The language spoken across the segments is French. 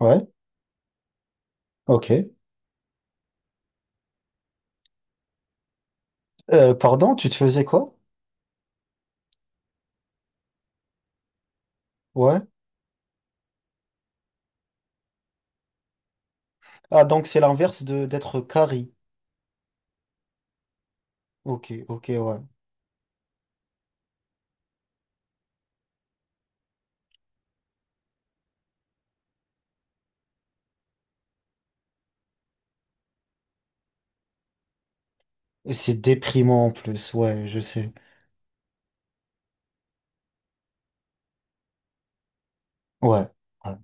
Ouais, ok. Pardon, tu te faisais quoi? Ouais. Ah, donc c'est l'inverse de d'être carré. Ok, ok, ouais. Et c'est déprimant en plus, ouais, je sais. Ouais, ouais,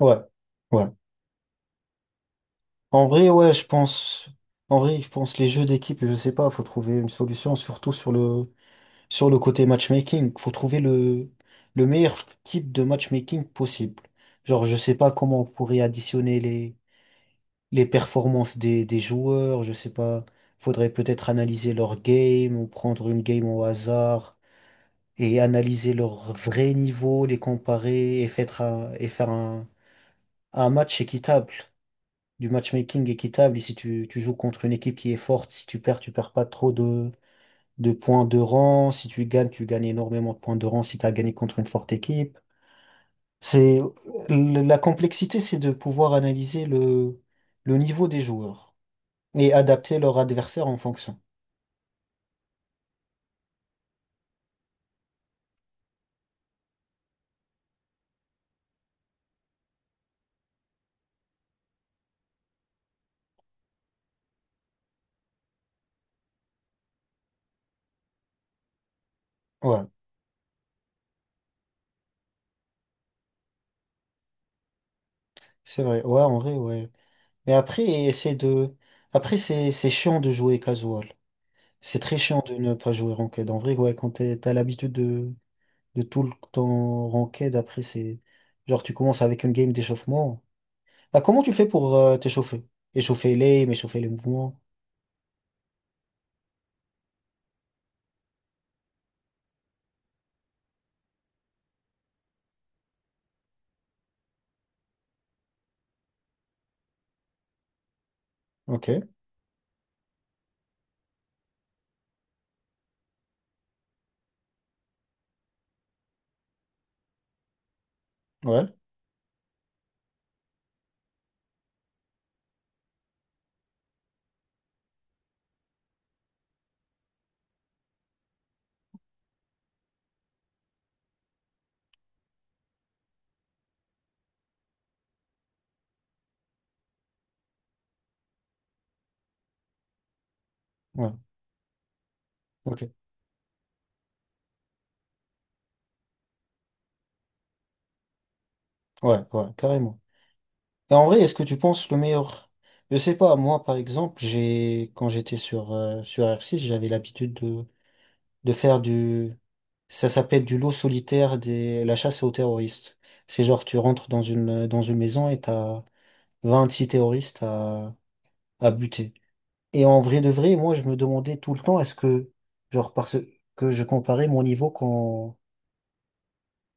ouais, ouais. En vrai, ouais, je pense. En vrai, je pense les jeux d'équipe, je sais pas, faut trouver une solution, surtout sur le côté matchmaking. Faut trouver le meilleur type de matchmaking possible. Genre, je sais pas comment on pourrait additionner les performances des joueurs, je sais pas. Faudrait peut-être analyser leur game ou prendre une game au hasard et analyser leur vrai niveau, les comparer et faire un match équitable, du matchmaking équitable. Et si tu joues contre une équipe qui est forte, si tu perds, tu perds pas trop de points de rang. Si tu gagnes, tu gagnes énormément de points de rang si tu as gagné contre une forte équipe. C'est, la complexité, c'est de pouvoir analyser le niveau des joueurs, et adapter leur adversaire en fonction. Ouais, c'est vrai. Ouais, en vrai, ouais. Mais après, essayer de. Après, c'est chiant de jouer casual. C'est très chiant de ne pas jouer ranked. En vrai, ouais, quand t'as l'habitude de tout le temps ranked, après, c'est. Genre, tu commences avec une game d'échauffement. Ah, comment tu fais pour t'échauffer? Échauffer l'aim, échauffer les mouvements. Ok, ouais, ouais, ok, ouais, ouais, carrément. Et en vrai, est-ce que tu penses le meilleur? Je sais pas, moi par exemple, j'ai quand j'étais sur, sur R6, j'avais l'habitude de faire du. Ça s'appelle du lot solitaire des la chasse aux terroristes. C'est genre tu rentres dans une maison et t'as 26 terroristes à buter. Et en vrai de vrai, moi je me demandais tout le temps est-ce que genre parce que je comparais mon niveau quand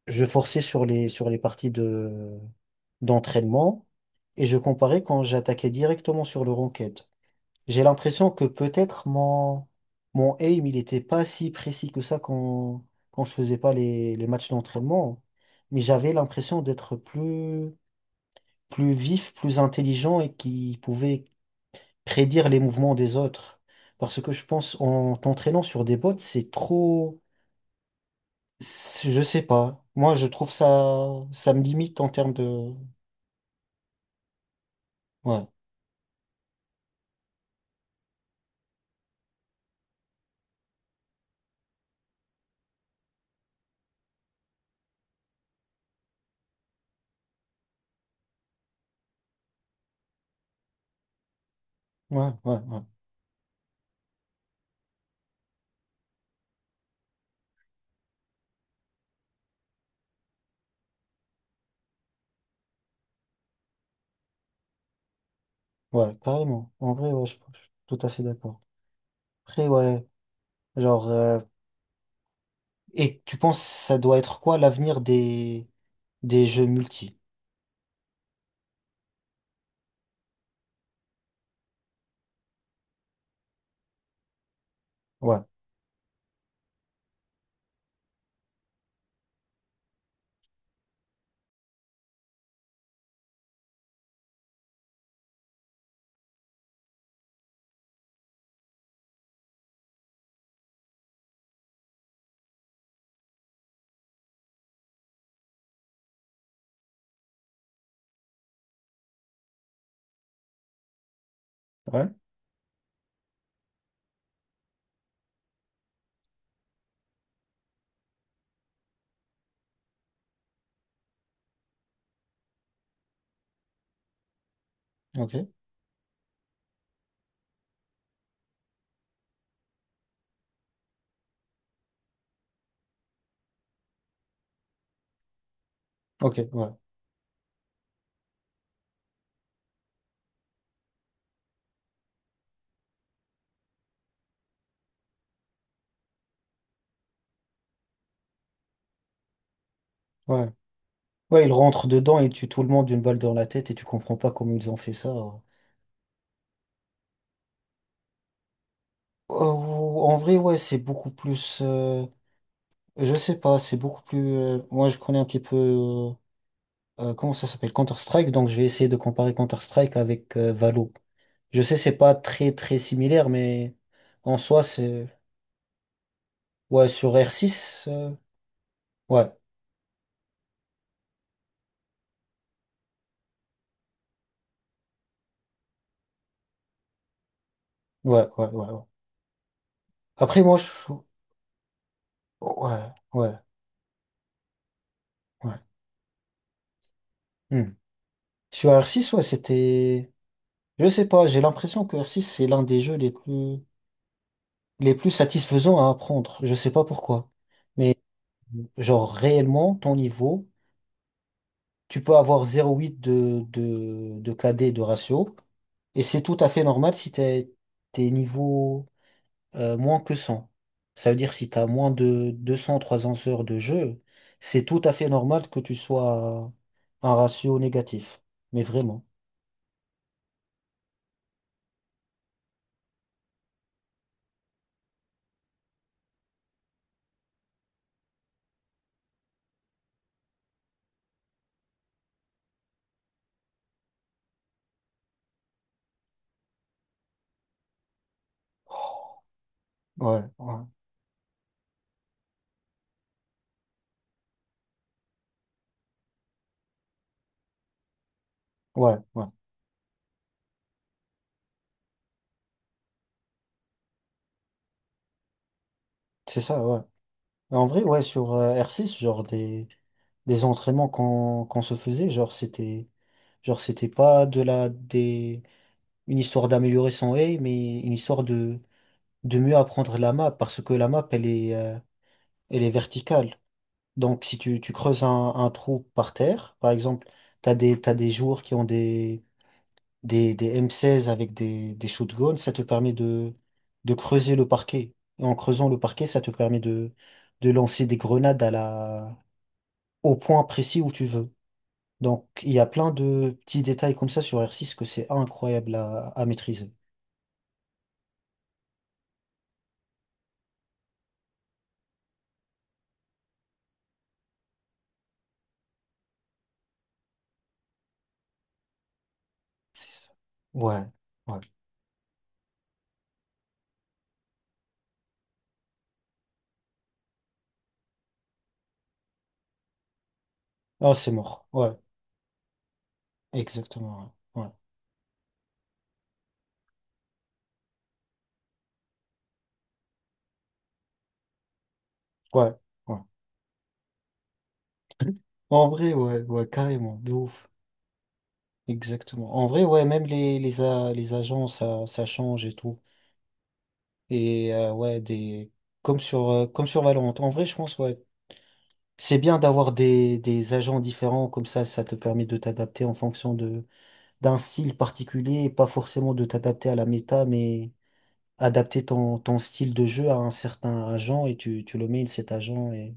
je forçais sur sur les parties d'entraînement et je comparais quand j'attaquais directement sur le ranked. J'ai l'impression que peut-être mon aim, il était pas si précis que ça quand je faisais pas les matchs d'entraînement, mais j'avais l'impression plus vif, plus intelligent et qui pouvait prédire les mouvements des autres. Parce que je pense en t'entraînant sur des bots, je sais pas. Moi, je trouve ça, ça me limite en termes de. Ouais, ouais, ouais, ouais, ouais, carrément. En vrai, ouais, je suis tout à fait d'accord. Après, ouais, genre, et tu penses ça doit être quoi l'avenir des jeux multi? Ouais, ouais, ok, ok, ouais, ouais, ouais. Ils rentrent dedans et tuent tout le monde d'une balle dans la tête et tu comprends pas comment ils ont fait ça. En vrai, ouais, c'est beaucoup plus. Je sais pas, c'est beaucoup plus. Moi, je connais un petit peu. Comment ça s'appelle? Counter-Strike. Donc, je vais essayer de comparer Counter-Strike avec Valo. Je sais, c'est pas très similaire, mais en soi, c'est. Ouais, sur R6, euh, ouais, ouais, ouais, ouais, ouais. Après, moi, je. Ouais, ouais, ouais. Hmm. Sur R6, ouais, c'était. Je sais pas, j'ai l'impression que R6, c'est l'un des jeux les plus satisfaisants à apprendre. Je sais pas pourquoi. Mais, genre, réellement, ton niveau. Tu peux avoir 0,8 de KD de ratio. Et c'est tout à fait normal si t'es niveau moins que 100. Ça veut dire si t'as moins de 200-300 heures de jeu, c'est tout à fait normal que tu sois un ratio négatif. Mais vraiment. Ouais, ouais, ouais, ouais. C'est ça, ouais. Et en vrai, ouais, sur R6, genre des entraînements qu'on se faisait, genre c'était pas de la des une histoire d'améliorer son aim, mais une histoire de mieux apprendre la map, parce que la map, elle est verticale. Donc, si tu creuses un trou par terre, par exemple, t'as des joueurs qui ont des M16 avec des shotguns, ça te permet de creuser le parquet. Et en creusant le parquet, ça te permet de lancer des grenades au point précis où tu veux. Donc, il y a plein de petits détails comme ça sur R6 que c'est incroyable à maîtriser. C'est ça. Ouais. Ouais. Ah, c'est mort. Ouais, exactement. Ouais, ouais, ouais, ouais. En vrai, ouais, ouais, carrément, de ouf. Exactement. En vrai, ouais, même les agents, ça change et tout. Et ouais, des... comme sur Valorant. En vrai, je pense, ouais, c'est bien d'avoir des agents différents, comme ça te permet de t'adapter en fonction de, d'un style particulier, et pas forcément de t'adapter à la méta, mais adapter ton style de jeu à un certain agent et tu le mets, cet agent, et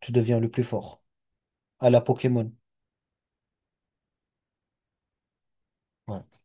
tu deviens le plus fort. À la Pokémon. Ouais.